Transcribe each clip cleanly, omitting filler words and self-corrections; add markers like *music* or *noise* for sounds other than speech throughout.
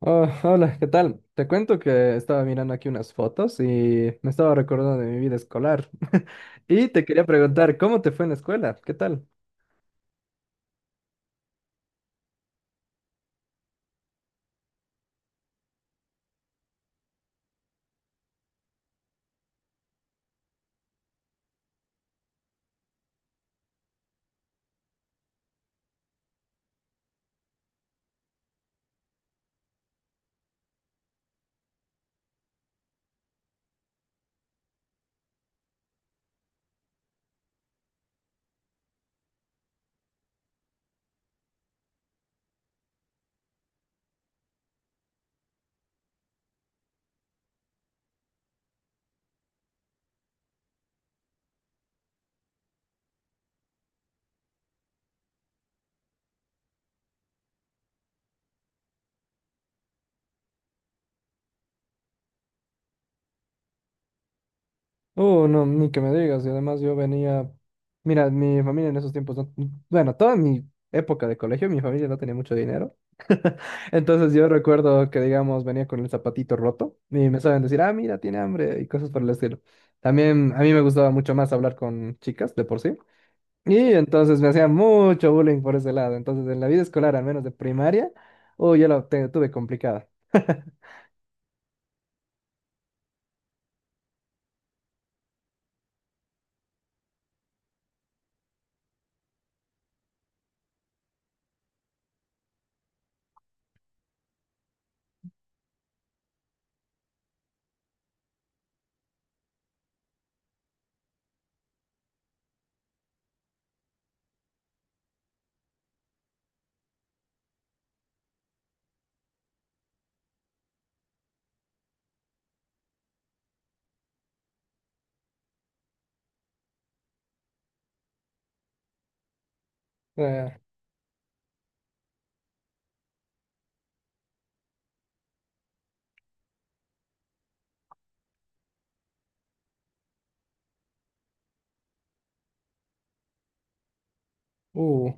Ah, hola, ¿qué tal? Te cuento que estaba mirando aquí unas fotos y me estaba recordando de mi vida escolar. *laughs* Y te quería preguntar, ¿cómo te fue en la escuela? ¿Qué tal? Oh, no, ni que me digas. Y además yo venía, mira, mi familia en esos tiempos, no, bueno, toda mi época de colegio, mi familia no tenía mucho dinero. Entonces yo recuerdo que, digamos, venía con el zapatito roto y me saben decir, ah, mira, tiene hambre y cosas por el estilo. También a mí me gustaba mucho más hablar con chicas de por sí. Y entonces me hacían mucho bullying por ese lado. Entonces, en la vida escolar, al menos de primaria, yo tuve complicada. Eh, uh,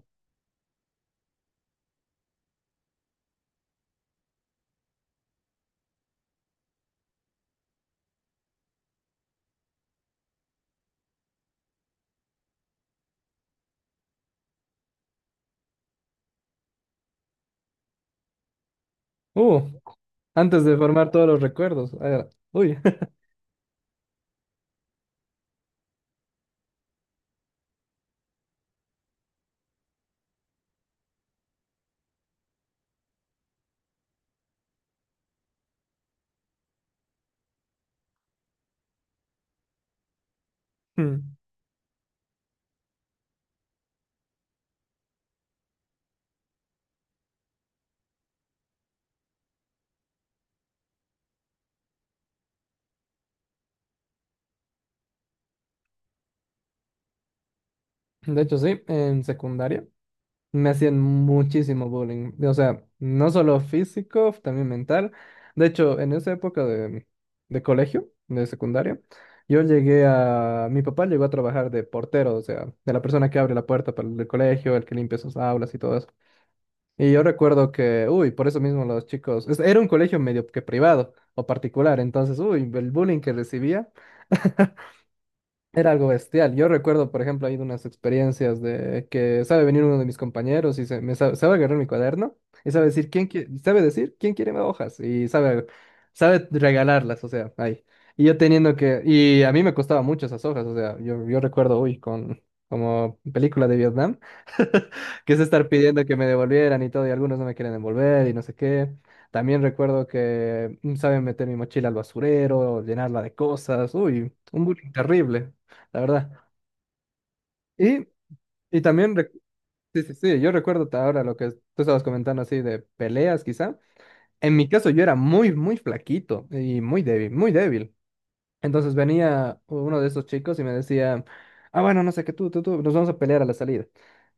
uh, Antes de formar todos los recuerdos. Uy. *laughs* Mm. De hecho, sí, en secundaria me hacían muchísimo bullying. O sea, no solo físico, también mental. De hecho, en esa época de colegio, de secundaria, yo llegué a... Mi papá llegó a trabajar de portero, o sea, de la persona que abre la puerta para el colegio, el que limpia sus aulas y todo eso. Y yo recuerdo que, uy, por eso mismo los chicos, era un colegio medio que privado o particular, entonces, uy, el bullying que recibía *laughs* era algo bestial. Yo recuerdo, por ejemplo, ahí de unas experiencias de que sabe venir uno de mis compañeros y me sabe, sabe agarrar mi cuaderno y sabe decir sabe decir quién quiere más hojas y sabe regalarlas, o sea, ahí. Y yo teniendo que y a mí me costaba mucho esas hojas, o sea, yo recuerdo, uy, con como película de Vietnam quise estar pidiendo que me devolvieran y todo, y algunos no me quieren devolver y no sé qué. También recuerdo que saben meter mi mochila al basurero, llenarla de cosas. Uy, un bullying terrible, la verdad. Y, y también, sí, yo recuerdo ahora lo que tú estabas comentando así de peleas, quizá. En mi caso yo era muy flaquito y muy débil, muy débil. Entonces venía uno de esos chicos y me decía, ah, bueno, no sé qué, tú, nos vamos a pelear a la salida.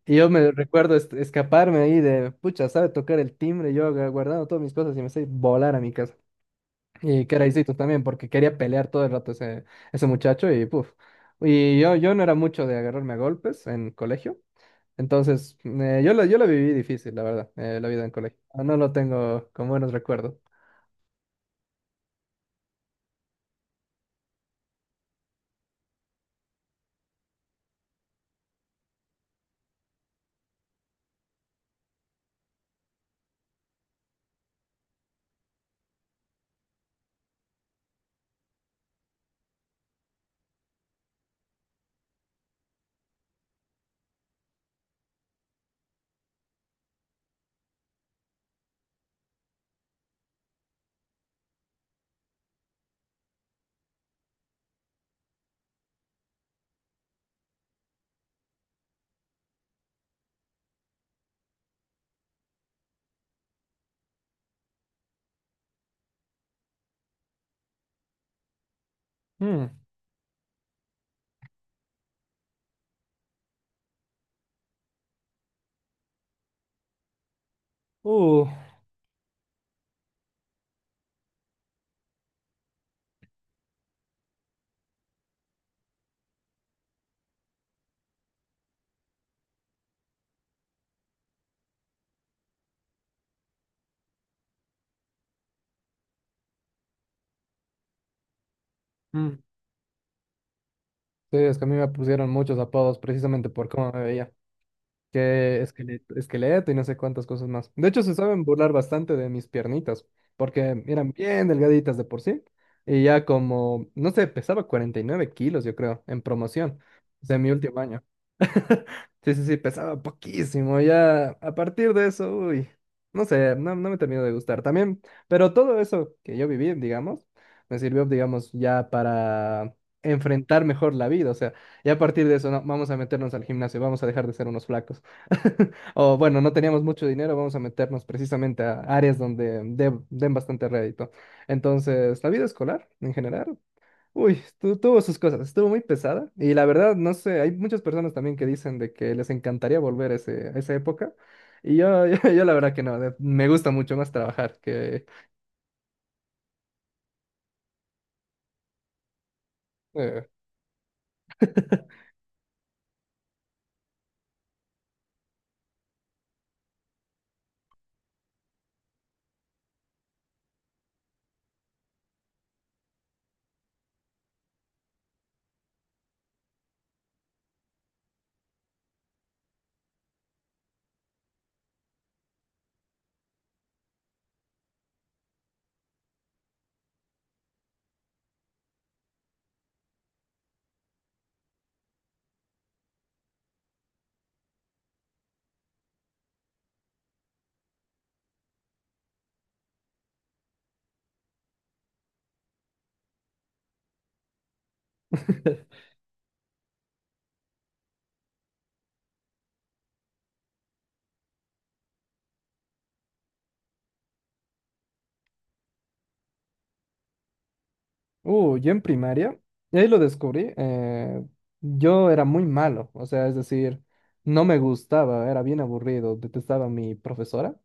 Y yo me recuerdo escaparme ahí de, pucha, sabe tocar el timbre, guardando todas mis cosas y me sé volar a mi casa. Y caraycitos también, porque quería pelear todo el rato ese muchacho y puf. Y yo no era mucho de agarrarme a golpes en colegio, entonces yo la viví difícil, la verdad, la vida en colegio. Ah, no lo tengo con buenos recuerdos. Mm, uh, mm. Sí, es que a mí me pusieron muchos apodos precisamente por cómo me veía. Que esqueleto, esqueleto y no sé cuántas cosas más. De hecho, se saben burlar bastante de mis piernitas, porque eran bien delgaditas de por sí, y ya como, no sé, pesaba 49 kilos, yo creo, en promoción, de mi último año. Sí, pesaba poquísimo. Ya a partir de eso, uy, no sé, no, no me terminó de gustar también. Pero todo eso que yo viví, digamos, me sirvió, digamos, ya para enfrentar mejor la vida. O sea, ya a partir de eso, no, vamos a meternos al gimnasio, vamos a dejar de ser unos flacos. *laughs* O bueno, no teníamos mucho dinero, vamos a meternos precisamente a áreas donde den bastante rédito. Entonces, la vida escolar en general. Uy, tuvo sus cosas, estuvo muy pesada y la verdad, no sé, hay muchas personas también que dicen de que les encantaría volver a, a esa época y yo, *laughs* yo la verdad que no, de- me gusta mucho más trabajar que... eh. *laughs* Yo en primaria, y ahí lo descubrí, yo era muy malo, o sea, es decir, no me gustaba, era bien aburrido, detestaba a mi profesora.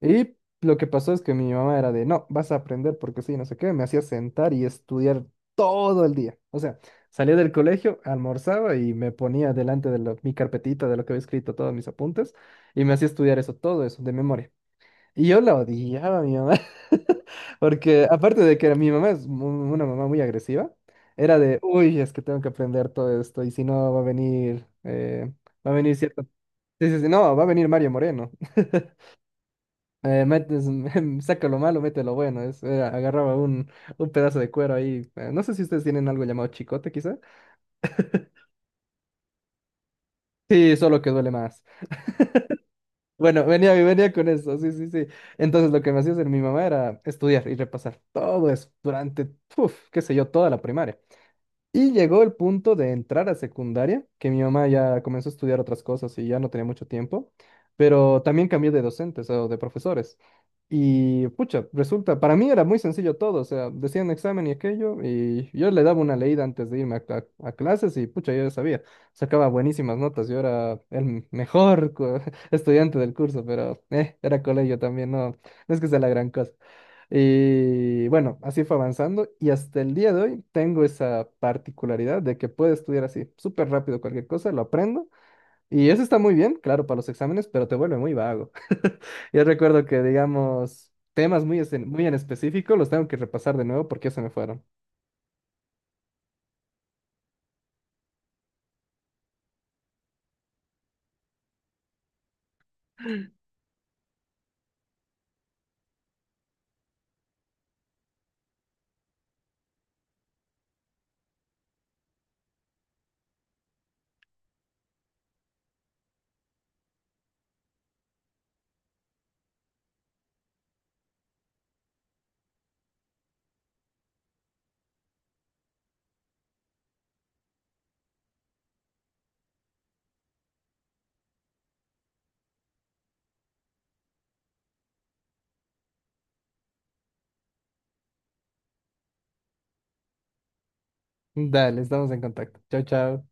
Y lo que pasó es que mi mamá era de, no, vas a aprender porque sí, no sé qué, me hacía sentar y estudiar todo el día. O sea, salía del colegio, almorzaba y me ponía delante de mi carpetita de lo que había escrito todos mis apuntes y me hacía estudiar eso, todo eso, de memoria. Y yo la odiaba a mi mamá, *laughs* porque aparte de que mi mamá es mu- una mamá muy agresiva, era de, uy, es que tengo que aprender todo esto y si no va a venir, va a venir cierto... Sí, no, va a venir Mario Moreno. *laughs* Metes, *laughs* saca lo malo, mete lo bueno. Es, agarraba un pedazo de cuero ahí. No sé si ustedes tienen algo llamado chicote, quizá. Sí, solo que duele más. Bueno, venía, venía con eso, sí, Entonces lo que me hacía hacer mi mamá era estudiar y repasar todo eso durante, uf, qué sé yo, toda la primaria. Y llegó el punto de entrar a secundaria, que mi mamá ya comenzó a estudiar otras cosas y ya no tenía mucho tiempo, pero también cambié de docentes o de profesores. Y pucha, resulta, para mí era muy sencillo todo, o sea, decían examen y aquello, y yo le daba una leída antes de irme a, a clases y pucha, yo ya sabía, sacaba buenísimas notas, yo era el mejor *laughs* estudiante del curso, pero era colegio también, no, no es que sea la gran cosa. Y bueno, así fue avanzando y hasta el día de hoy tengo esa particularidad de que puedo estudiar así, súper rápido cualquier cosa, lo aprendo y eso está muy bien, claro, para los exámenes, pero te vuelve muy vago. *laughs* Yo recuerdo que, digamos, temas es- muy en específico los tengo que repasar de nuevo porque ya se me fueron. Dale, estamos en contacto. Chao, chao.